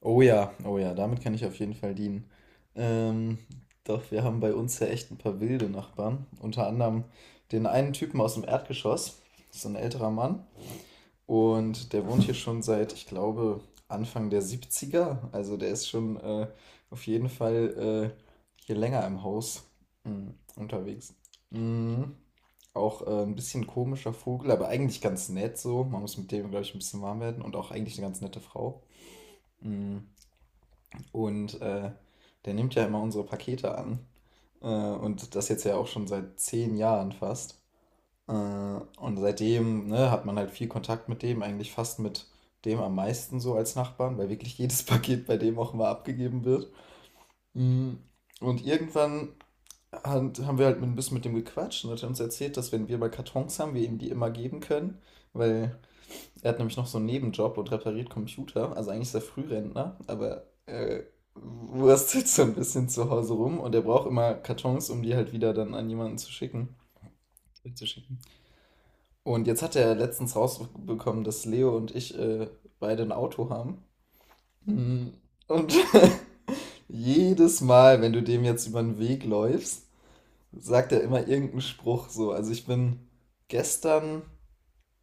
Oh ja, oh ja, damit kann ich auf jeden Fall dienen. Ähm, doch wir haben bei uns ja echt ein paar wilde Nachbarn. Unter anderem den einen Typen aus dem Erdgeschoss, so ein älterer Mann. Und der wohnt hier schon seit, ich glaube, Anfang der 70er. Also der ist schon auf jeden Fall hier länger im Haus mm, unterwegs. Mm, Auch ein bisschen komischer Vogel, aber eigentlich ganz nett so. Man muss mit dem, glaube ich, ein bisschen warm werden und auch eigentlich eine ganz nette Frau. Mm. Und der nimmt ja immer unsere Pakete an. Und das jetzt ja auch schon seit 10 Jahren fast. Und seitdem, ne, hat man halt viel Kontakt mit dem, eigentlich fast mit dem am meisten so als Nachbarn, weil wirklich jedes Paket bei dem auch immer abgegeben wird. Mm, Und irgendwann haben wir halt ein bisschen mit dem gequatscht und hat er uns erzählt, dass, wenn wir mal Kartons haben, wir ihm die immer geben können, weil er hat nämlich noch so einen Nebenjob und repariert Computer. Also eigentlich ist er Frührentner, aber wurstelt so ein bisschen zu Hause rum, und er braucht immer Kartons, um die halt wieder dann an jemanden zu schicken. Zu schicken. Und jetzt hat er letztens rausbekommen, dass Leo und ich beide ein Auto haben. Mhm. Und jedes Mal, wenn du dem jetzt über den Weg läufst, sagt er immer irgendeinen Spruch so. Also ich bin gestern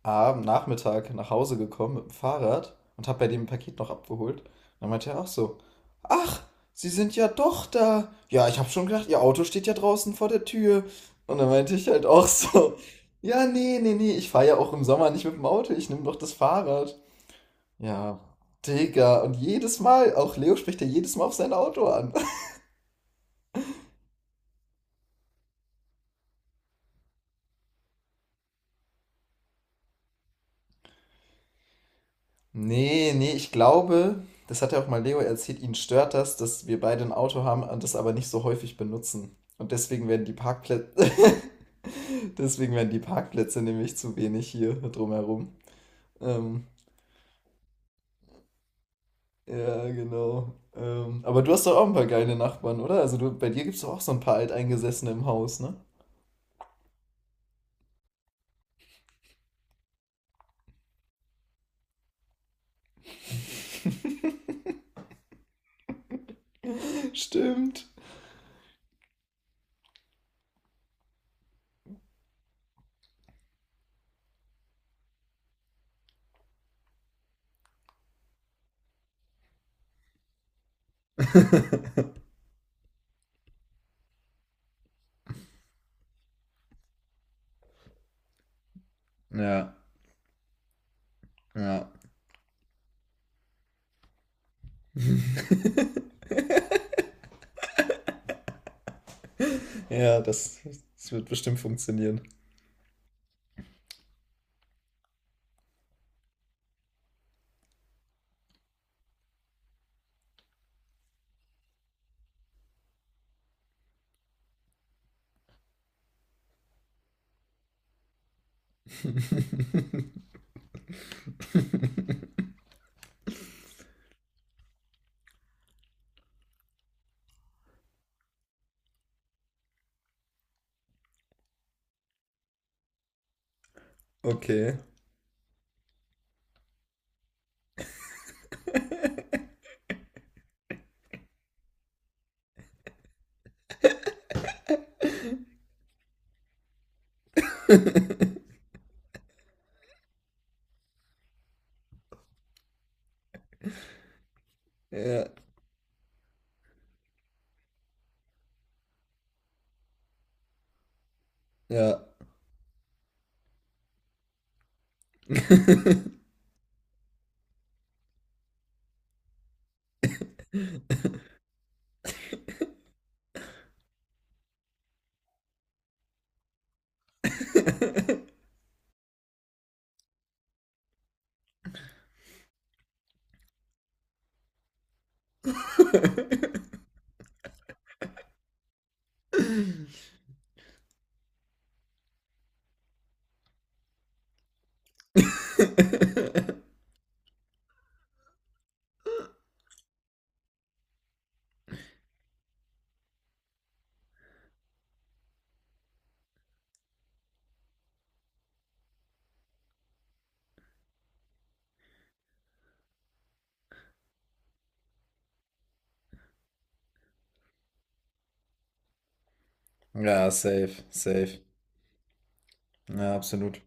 am Nachmittag nach Hause gekommen mit dem Fahrrad und habe bei dem ein Paket noch abgeholt. Und dann meinte er auch so: ach, Sie sind ja doch da. Ja, ich habe schon gedacht, Ihr Auto steht ja draußen vor der Tür. Und dann meinte ich halt auch so: ja, nee, nee, nee, ich fahre ja auch im Sommer nicht mit dem Auto, ich nehme doch das Fahrrad. Ja, Digga, und jedes Mal, auch Leo spricht ja jedes Mal auf sein Auto an. Nee, nee, ich glaube, das hat ja auch mal Leo erzählt, ihn stört das, dass wir beide ein Auto haben und das aber nicht so häufig benutzen. Und deswegen werden die Parkplätze, deswegen werden die Parkplätze nämlich zu wenig hier drumherum. Ähm, ja, genau. Aber du hast doch auch ein paar geile Nachbarn, oder? Also du, bei dir gibt es doch auch so ein paar Alteingesessene im Haus, ne? Stimmt. Ja, ja. Ja, das wird bestimmt funktionieren. Okay. Ja, ja. Ja, safe, safe. Ja, absolut.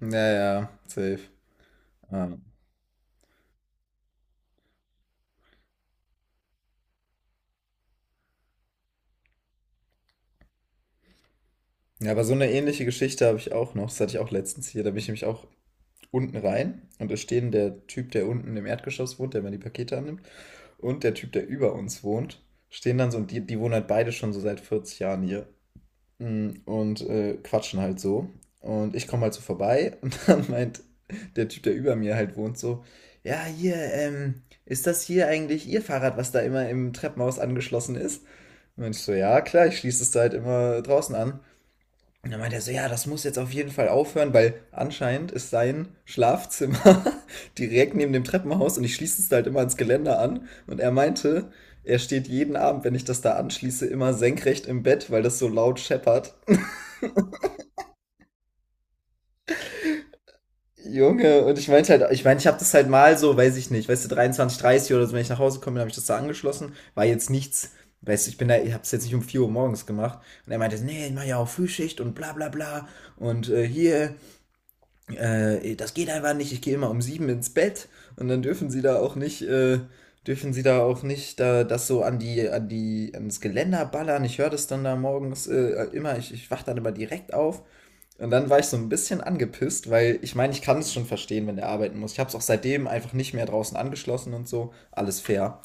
Ja, ja, safe. Ja. Ja, aber so eine ähnliche Geschichte habe ich auch noch. Das hatte ich auch letztens hier. Da bin ich nämlich auch unten rein und da stehen der Typ, der unten im Erdgeschoss wohnt, der immer die Pakete annimmt, und der Typ, der über uns wohnt, stehen dann so, und die, die wohnen halt beide schon so seit 40 Jahren hier. Und quatschen halt so. Und ich komme halt so vorbei und dann meint der Typ, der über mir halt wohnt, so: ja, hier, ist das hier eigentlich Ihr Fahrrad, was da immer im Treppenhaus angeschlossen ist? Und ich so: ja, klar, ich schließe es da halt immer draußen an. Und dann meint er so: ja, das muss jetzt auf jeden Fall aufhören, weil anscheinend ist sein Schlafzimmer direkt neben dem Treppenhaus, und ich schließe es da halt immer ans Geländer an. Und er meinte, er steht jeden Abend, wenn ich das da anschließe, immer senkrecht im Bett, weil das so laut scheppert. Junge, und ich meinte halt, ich meine, ich habe das halt mal so, weiß ich nicht, weißt du, 23:30 oder so, wenn ich nach Hause komme, habe ich das da angeschlossen, war jetzt nichts, weißt du, ich bin da, ich habe es jetzt nicht um 4 Uhr morgens gemacht, und er meinte: nee, ich mache ja auch Frühschicht und bla bla bla und hier, das geht einfach nicht, ich gehe immer um 7 ins Bett, und dann dürfen sie da auch nicht da, das so ans Geländer ballern, ich höre das dann da morgens immer, ich wach dann immer direkt auf. Und dann war ich so ein bisschen angepisst, weil ich meine, ich kann es schon verstehen, wenn der arbeiten muss. Ich habe es auch seitdem einfach nicht mehr draußen angeschlossen und so. Alles fair.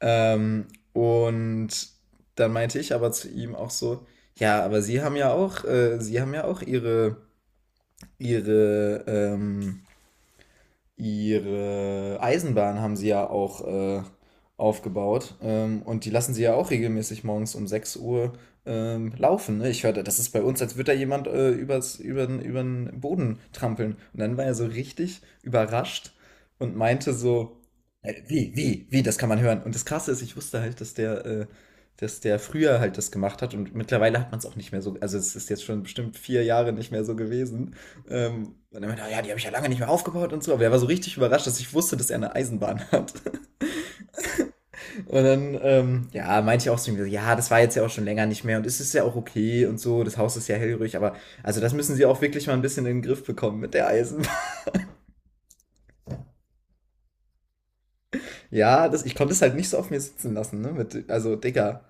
Ähm, und dann meinte ich aber zu ihm auch so: ja, aber Sie haben ja auch Ihre, ihre Eisenbahn haben sie ja auch aufgebaut. Und die lassen sie ja auch regelmäßig morgens um 6 Uhr laufen. Ne? Ich hörte, das ist bei uns, als würde da jemand übern Boden trampeln. Und dann war er so richtig überrascht und meinte so: wie, das kann man hören. Und das Krasse ist, ich wusste halt, dass der früher halt das gemacht hat, und mittlerweile hat man es auch nicht mehr so, also es ist jetzt schon bestimmt 4 Jahre nicht mehr so gewesen, und dann meinte er: ja, die habe ich ja lange nicht mehr aufgebaut und so. Aber er war so richtig überrascht, dass ich wusste, dass er eine Eisenbahn hat. Und dann, ja, meinte ich auch zu ihm: ja, das war jetzt ja auch schon länger nicht mehr, und es ist ja auch okay und so. Das Haus ist ja hellhörig, aber also das müssen sie auch wirklich mal ein bisschen in den Griff bekommen mit der Eisenbahn. Ja, ich konnte es halt nicht so auf mir sitzen lassen, ne? Also, Digga,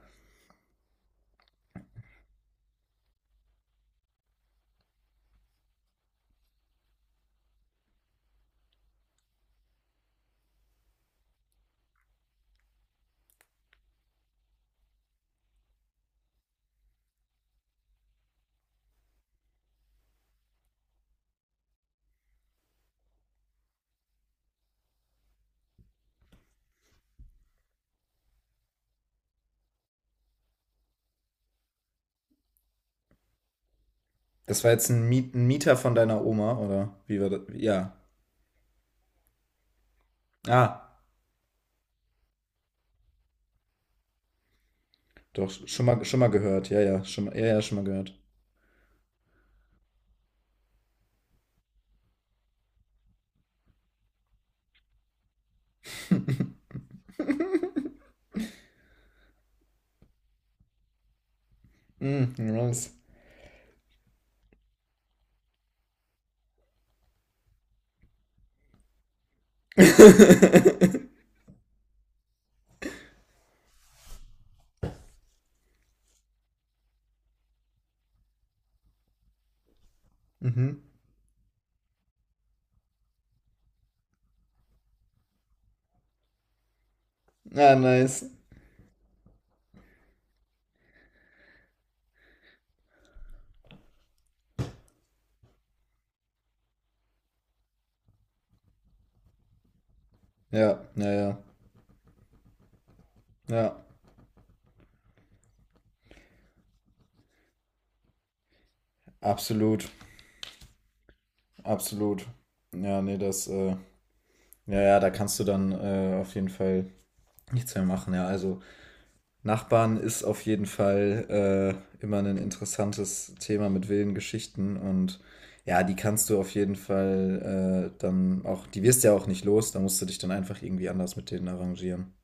das war jetzt ein Mieter von deiner Oma, oder wie war das? Ja. Ah, doch, schon mal gehört. Ja, ja, ja, ja, schon mal gehört. Nice. Mhm. Ja, nice. Ja, ja, ja. Ja, absolut. Absolut. Ja, nee, ja, ja, da kannst du dann auf jeden Fall nichts mehr machen. Ja, also Nachbarn ist auf jeden Fall immer ein interessantes Thema mit wilden Geschichten, und ja, die kannst du auf jeden Fall dann auch, die wirst du ja auch nicht los, da musst du dich dann einfach irgendwie anders mit denen arrangieren.